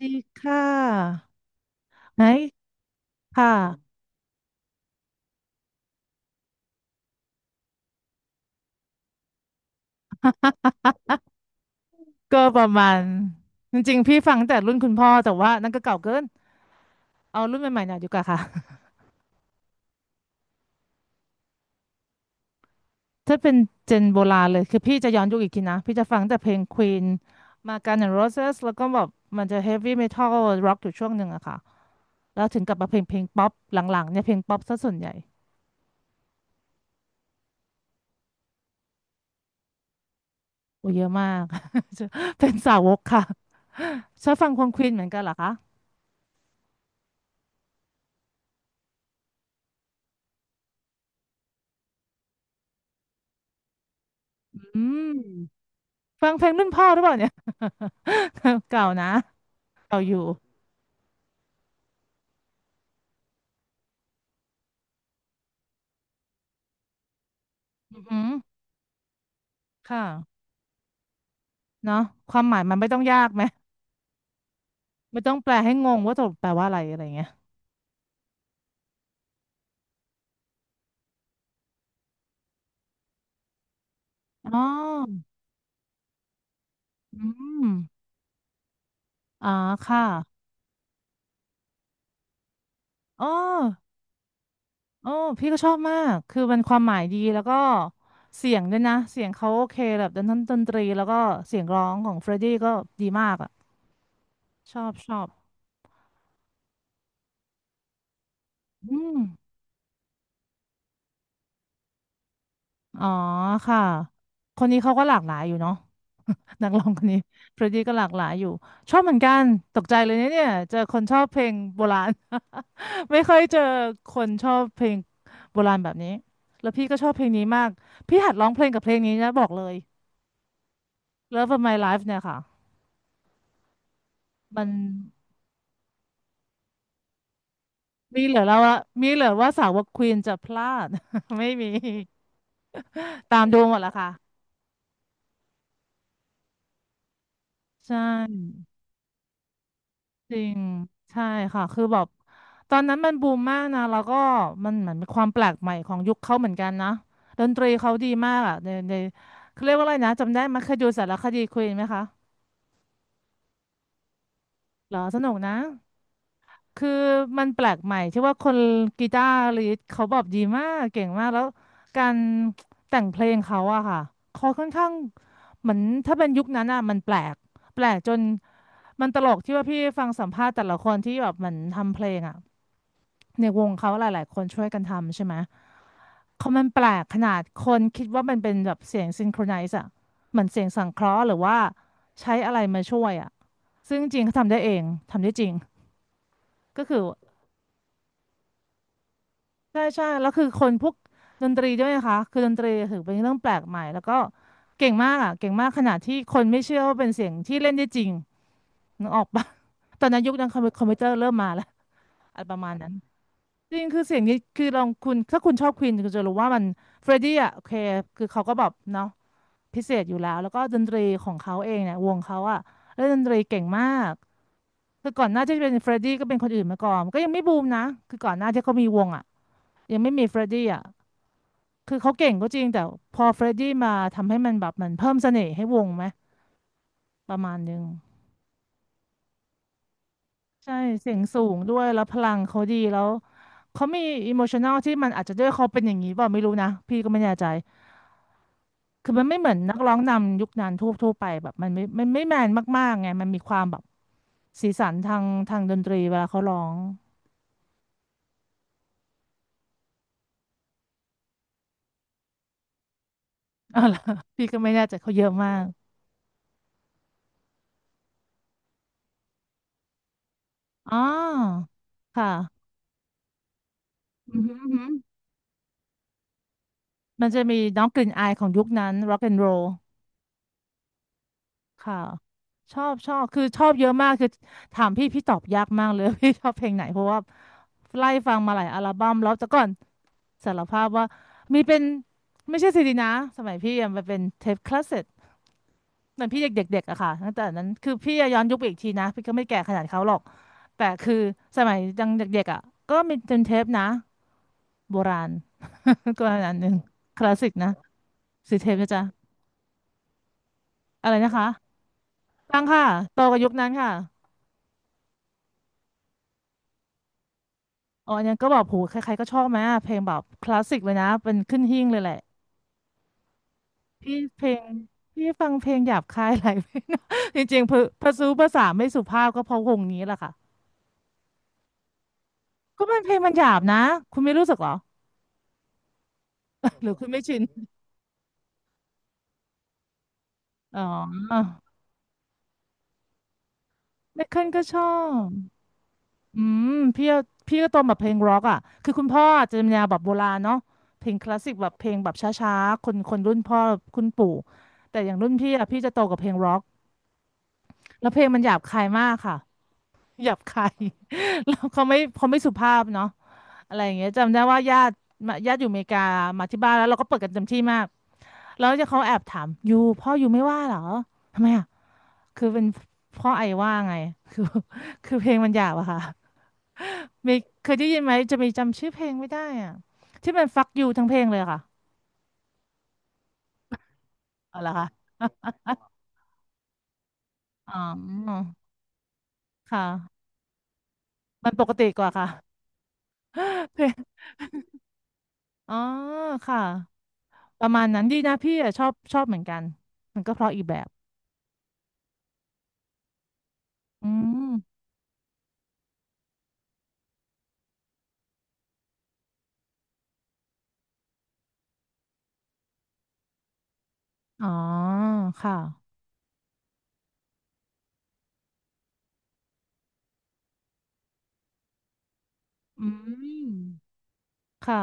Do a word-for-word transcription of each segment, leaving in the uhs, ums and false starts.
ดีค่ะ ไหนค่ะ ก็ประมาณ จริงๆ พี่ฟังแต่รุ่นคุณพ่อ แต่ว่านั่นก็เก่าเกิน เอารุ่นใหม่ๆหน่อยดีกว่าค่ะ ถ้าเป็นเจนโบราณเลยคือพี่จะย้อนยุคอีกทีนะ พี่จะฟังแต่เพลง Queen มากัน s N' Roses แล้วก็แบบมันจะ Heavy Metal Rock อยู่ช่วงหนึ่งอะค่ะแล้วถึงกลับมาเพลงเพลงป๊อปหลังๆเนี่ยเพลงป๊อปซะส่วนใหญ่โอ้เยอะมาก เป็นสาวกค่ะชอบฟังควง Queen เหมือนกันเหรอคะอืมฟังเพลงรุ่นพ่อหรือเปล่าเนี่ย เก่านะ เราอยู่อือหือค่ะเนาะความหมายมันไม่ต้องยากไหม ไม่ต้องแปลให้งงว่าตกลงแปลว่าอะไรอะไรเงี้ยอ๋ออืมอ่าค่ะอ๋ออ๋อพี่ก็ชอบมาก คือมันความหมายดีแล้วก็เสียงด้วยนะ เสียงเขาโอเคแบบดนตรีดนตรีแล้วก็เสียงร้องของเฟรดดี้ก็ดีมากอ่ะชอบชอบอืมอ๋อค่ะ คนนี้เขาก็หลากหลายอยู่เนาะ นักร้องคนนี้เฟรดดี้ก็หลากหลายอยู่ชอบเหมือนกันตกใจเลยนะเนี่ยเจอคนชอบเพลงโบราณ ไม่ค่อยเจอคนชอบเพลงโบราณแบบนี้ แล้วพี่ก็ชอบเพลงนี้มาก พี่หัดร้องเพลงกับเพลงนี้นะบอกเลย Love of My Life เนี่ยค่ะ มันมีเหลือแล้วว่ามีเหลือว่าสาวกควีนจะพลาด ไม่มี ตามดูหมดแล้วค่ะ ใช่ จริง ใช่ค่ะ คือแบบตอนนั้นมันบูมมากนะ แล้วก็มันเหมือนมีความแปลกใหม่ของยุคเขาเหมือนกันนะดนตรีเขาดีมากอ่ะในในเขาเรียกว่าอะไรนะจำได้ไหมเคยดูสารคดีควีนไหมคะเหรอสนุกนะ คือมันแปลกใหม่ที่ว่าคนกีตาร์ลิสเขาแบบดีมากเก่งมากแล้วการแต่งเพลงเขาอะค่ะเขาค่อนข้างเหมือนถ้าเป็นยุคนั้นอะมันแปลกแปลกจนมันตลกที่ว่าพี่ฟังสัมภาษณ์แต่ละคนที่แบบเหมือนทำเพลงอะในวงเขาหลายๆคนช่วยกันทำใช่ไหมเขามันแปลกขนาดคนคิดว่ามันเป็นแบบเสียงซินโครไนซ์อะเหมือนเสียงสังเคราะห์หรือว่าใช้อะไรมาช่วยอะซึ่งจริงๆเขาทำได้เองทำได้จริงก็คือ ใช่ใช่แล้วคือคนพวกดนตรีด้วยนะคะคือดนตรีถือเป็นเรื่องแปลกใหม่แล้วก็เก่งมากอ่ะเก่งมากขนาดที่คนไม่เชื่อว่าเป็นเสียงที่เล่นได้จริงนึกออกปะ ตอนนั้นยุคนั้นคอมพิวคอมพิวเตอร์เริ่มมาแล้วอะไรประมาณนั้นจริงคือเสียงนี้คือลองคุณถ้าคุณชอบควีนคุณจะรู้ว่ามันเฟรดดี้อ่ะโอเคคือเขาก็แบบเนาะพิเศษอยู่แล้วแล้วก็ดนตรีของเขาเองเนี่ยวงเขาอ่ะเล่นดนตรีเก่งมากคือก่อนหน้าที่จะเป็นเฟรดดี้ก็เป็นคนอื่นมาก่อนก็ยังไม่บูมนะคือก่อนหน้าที่เขามีวงอ่ะยังไม่มีเฟรดดี้อ่ะ คือเขาเก่งก็จริงแต่พอเฟรดดี้มาทำให้มันแบบมันเพิ่มเสน่ห์ให้วงไหมประมาณนึงใช่เสียงสูงด้วยแล้วพลังเขาดีแล้วเขามีอิโมชัน a ลที่มันอาจจะด้วยเขาเป็นอย่างนี้เปล่าไม่รู้นะพี่ก็ไม่แน่ใจคือมันไม่เหมือนนักร้องนำยุคนั้นทั่วๆไปแบบมันไม่มันไม่แมนมากๆไงมันมีความแบบสีสันทางทางดนตรีเวลาเขาร้อง อ๋อเหรอพี่ก็ไม่แน่ใจเขาเยอะมากอ๋อค่ะอือหืออือหือมันจะมีน้องกลิ่นอายของยุคนั้น rock and roll ค่ะชอบชอบคือชอบเยอะมากคือถามพี่พี่ตอบยากมากเลย พี่ชอบเพลงไหนเพราะว่าไล่ฟังมาหลายอัลบั้มแล้วแต่ก่อนสารภาพว่ามีเป็นไม่ใช่ซีดีนะสมัยพี่อะมันเป็นเทปคาสเซ็ตเหมือนพี่เด็กๆอะค่ะตั้งแต่นั้นคือพี่อะย้อนยุคไปอีกทีนะพี่ก็ไม่แก่ขนาดเขาหรอกแต่คือสมัยยังเด็กๆอะก็มีเป็นเทปนะโบราณ ก็อันหนึ่งคลาสสิกนะสีเทปนะจ๊ะอะไรนะคะตั้งค่ะโตกับยุคนั้นค่ะ อ๋ออันนั้นก็แบบโหใครๆก็ชอบไหมอะเพลงแบบคลาสสิกเลยนะ เป็นขึ้นหิ้งเลยแหละ พี่เพลง พี่ฟังเพลงหยาบคายหลายเพลงนะ จริงๆเพอพอซูภาษาไม่สุภาพก็เพราะวงนี้แหละค่ะก็มันเพลงมันหยาบนะ คุณไม่รู้สึกเหรอ หรือคุณไม่ชิน อ๋อแมคเคิลก็ชอบ อืม พี่พี่ก็โตมาแบบเพลงร็อกอ่ะคือคุณพ่อจะเป็นแนวแบบโบราณเนาะเพลงคลาสสิกแบบเพลงแบบช้าๆคนคนรุ่นพ่อคุณปู่แต่อย่างรุ่นพี่อ่ะพี่จะโตกับเพลงร็อกแล้วเพลงมันหยาบคายมากค่ะ หยาบคาย แล้วเขาไม่เขาไม่สุภาพเนาะอะไรอย่างเงี้ยจำได้ว่าญาติมาญาติอยู่อเมริกามาที่บ้านแล้วเราก็เปิดกันเต็มที่มากแล้วจะเขาแอบถามยูพ่อยูไม่ว่าเหรอทำไมอ่ะคือเป็นพ่อไอว่าไงคือคือเพลงมันหยาบอะค่ะมีเคยได้ยินไหมจะมีจำชื่อเพลงไม่ได้อ่ะที่มันฟักยูทั้งเพลงเลยค่ะเอาละค่ะอ๋อค่ะมันปกติกว่าค่ะ เพลงอ๋อค่ะประมาณนั้นดีนะพี่อะชอบชอบเหมือนกันมันก็เพราะอีกแบบอืม อ๋อค่ะ อืมค่ะ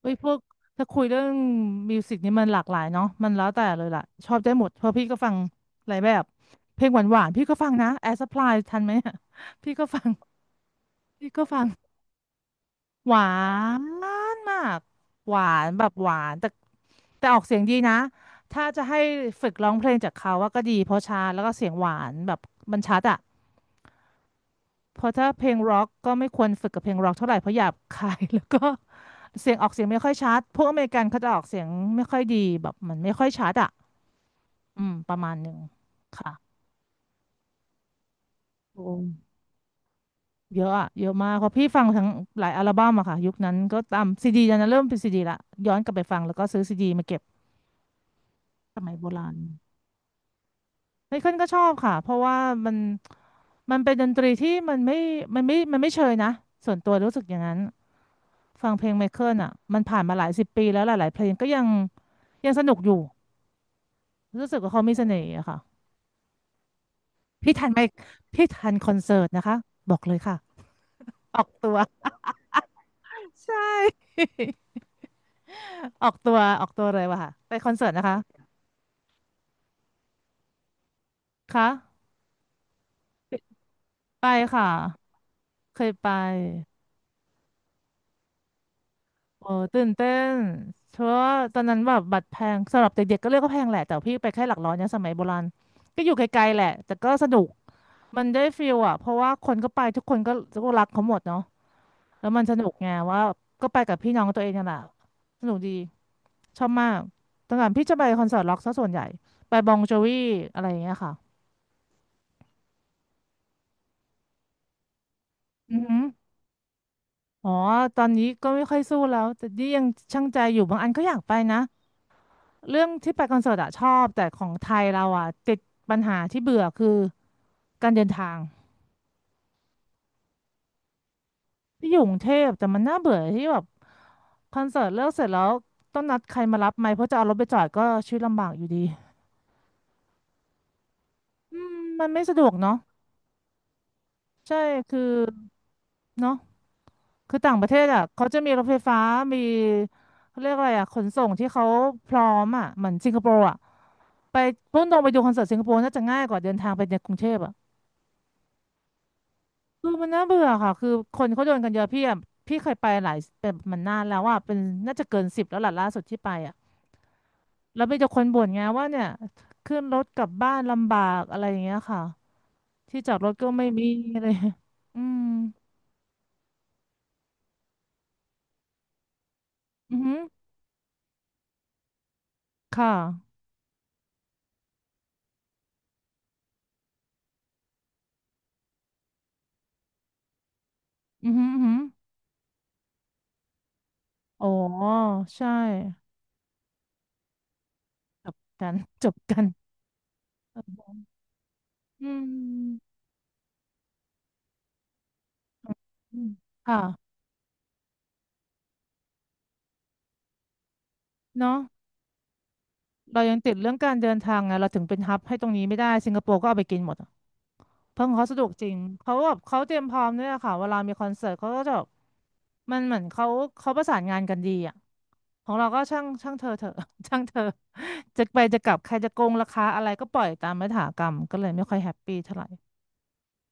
เอ้ยพวกถ้าคุยเรื่องมิวสิกนี่มันหลากหลายเนาะมันแล้วแต่เลยล่ะชอบได้หมด เพราะพี่ก็ฟังหลายแบบ เพลงหวานหวานพี่ก็ฟังนะแอร์ u ั p พลายทันไหมอะ พี่ก็ฟังพี่ก็ฟัง หวานมาก หวานแบบหวานแต่แต่ออกเสียงดีนะ ถ้าจะให้ฝึกร้องเพลงจากเขา ว่าก็ดีเพราะช้าแล้วก็เสียงหวานแบบมันชัดอะ เพราะถ้าเพลงร็อกก็ไม่ควรฝึกกับเพลงร็อกเท่าไหร่เพราะหยาบคาย แล้วก็เสียงออกเสียงไม่ค่อยชัดพวกอเมริกันเขาจะออกเสียงไม่ค่อยดีแบบมันไม่ค่อยชัดอ่ะอืมประมาณหนึ่งค่ะโอ้เยอะอะเยอะมากเพราะพี่ฟังทั้งหลายอัลบั้มอะค่ะยุคนั้นก็ตามซีดีนันเริ่มเป็นซีดีละย้อนกลับไปฟังแล้วก็ซื้อซีดีมาเก็บสมัยโบราณไมเคิลก็ชอบค่ะเพราะว่ามันมันเป็นดนตรีที่มันไม่มันไม่มันไม่เชยนะส่วนตัวรู้สึกอย่างนั้น ฟังเพลงไมเคิลอ่ะมันผ่านมาหลายสิบปีแล้วหลายๆเพลงก็ยังยังสนุกอยู่รู้สึกว่าเขามีเสน่ห์อะค่ะพี่ทันไหมพี่ทันคอนเสิร์ตนะคะบอกเลยค่ะออกตัว ใช่ ออกตัวออกตัวเลยว่ะค่ะไปคอนเสิร์ตนะคะคะไปค่ะเคยไปโอ้ตื่นเต้นเพราะว่าตอนนั้นแบบบัตรแพงสำหรับเด็กๆก็เรียกก็แพงแหละแต่พี่ไปแค่หลักร้อยเนี่ยสมัยโบราณก็อยู่ไกลๆแหละแต่ก็สนุก มันได้ฟีลอะเพราะว่าคนก็ไปทุกคนก็ก็รักเขาหมดเนาะ แล้วมันสนุกไงว่าก็ไปกับพี่น้องตัวเองนั่นแหละสนุกดีชอบมากตั้งแต่พี่จะไปคอนเสิร์ตร็อกซะส่วนใหญ่ไปบองโจวีอะไรอย่างเงี้ยค่ะอือหืออ๋อตอนนี้ก็ไม่ค่อยสู้แล้วแต่นี่ยังชั่งใจอยู่บางอันก็อยากไปนะเรื่องที่ไปคอนเสิร์ตอะชอบแต่ของไทยเราอะติดปัญหาที่เบื่อคือการเดินทางที่อยู่กรุงเทพแต่มันน่าเบื่อที่แบบ คอนเสิร์ตเลิกเสร็จแล้วต้องนัดใครมารับไหมเพราะจะเอารถไปจอดก็ชีวิตลำบากอยู่ดีอืมมันไม่สะดวกเนาะใช่คือเนาะคือต่างประเทศอ่ะเขาจะมีรถไฟฟ้ามีเขาเรียกอะไรอ่ะขนส่งที่เขาพร้อมอ่ะเหมือนสิงคโปร์อ่ะไปพุ่งตรงไปดูคอนเสิร์ตสิงคโปร์น่าจะง่ายกว่าเดินทางไปในกรุงเทพอ่ะคือมันน่าเบื่อค่ะคือคนเขาโดนกันเยอะพี่อ่ะพี่เคยไปหลายเป็นมันนานแล้วอ่ะเป็นน่าจะเกินสิบแล้วล่ะล่าสุดที่ไปอ่ะแล้วมีแต่คนบ่นไงว่าเนี่ยขึ้นรถกลับบ้านลำบากอะไรอย่างเงี้ยค่ะ ที่จอดรถก็ไม่มีอะไรอืมอือหือค่ะอือหืออือหืออ๋อใช่ จบกัน จบกันออืมอืมค่ะ เนาะเรายังติดเรื่องการเดินทางไงเราถึงเป็นฮับให้ตรงนี้ไม่ได้สิงคโปร์ก็เอาไปกินหมด เพิ่งเขาสะดวกจริงเขาแบบเขาเตรียมพร้อมด้วยอะค่ะเวลามีคอนเสิร์ตเขาก็จะแบบมันเหมือนเขาเขาประสานงานกันดีอ่ะของเราก็ช่างช่างเธอเถอะ ช่างเธอจะไปจะกลับใครจะโกงราคาอะไรก็ปล่อยตามยถากรรมก็เลยไม่ค่อยแฮปปี้เท่าไหร่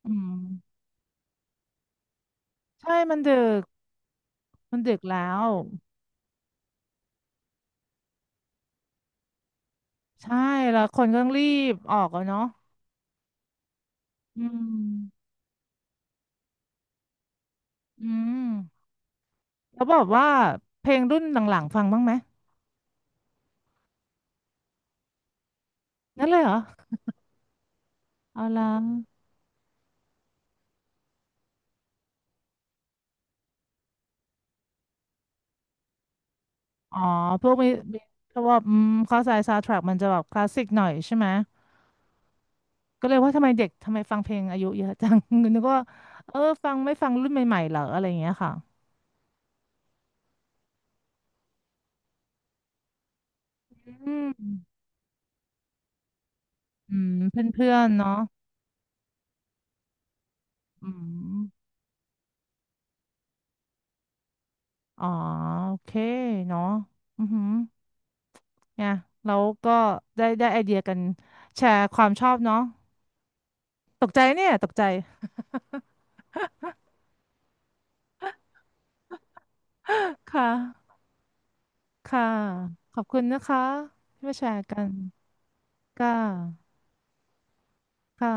อืมใช่มันดึกมันดึกแล้วใช่แล้วคนก็ต้องรีบออกอะเนาะอืมอืมแล้วบอกว่าเพลงรุ่นหลังๆฟังบ้างไหมนั่นเลยเหรอเอาละ อ๋อพวกมีมีเพราะว่าอืมเข้าใจซาวด์แทร็กมันจะแบบคลาสสิกหน่อยใช่ไหมก็เลยว่าทำไมเด็กทำไมฟังเพลงอายุเยอะจัง นึกว่าเออฟังไม่ฟังรุ่นใหม่ๆเหรออะไรอย่างเงี้ยค่ะอืมอืมเพื่อนๆเนาะอืมอ๋อโอเคเนาะอือหือเนี่ยแล้วก็ได้ได้ไอเดียกันแชร์ความชอบเนาะตกใจเนี่ยตกใจ ค่ะค่ะขอบคุณนะคะที่มาแชร์กันค่ะค่ะ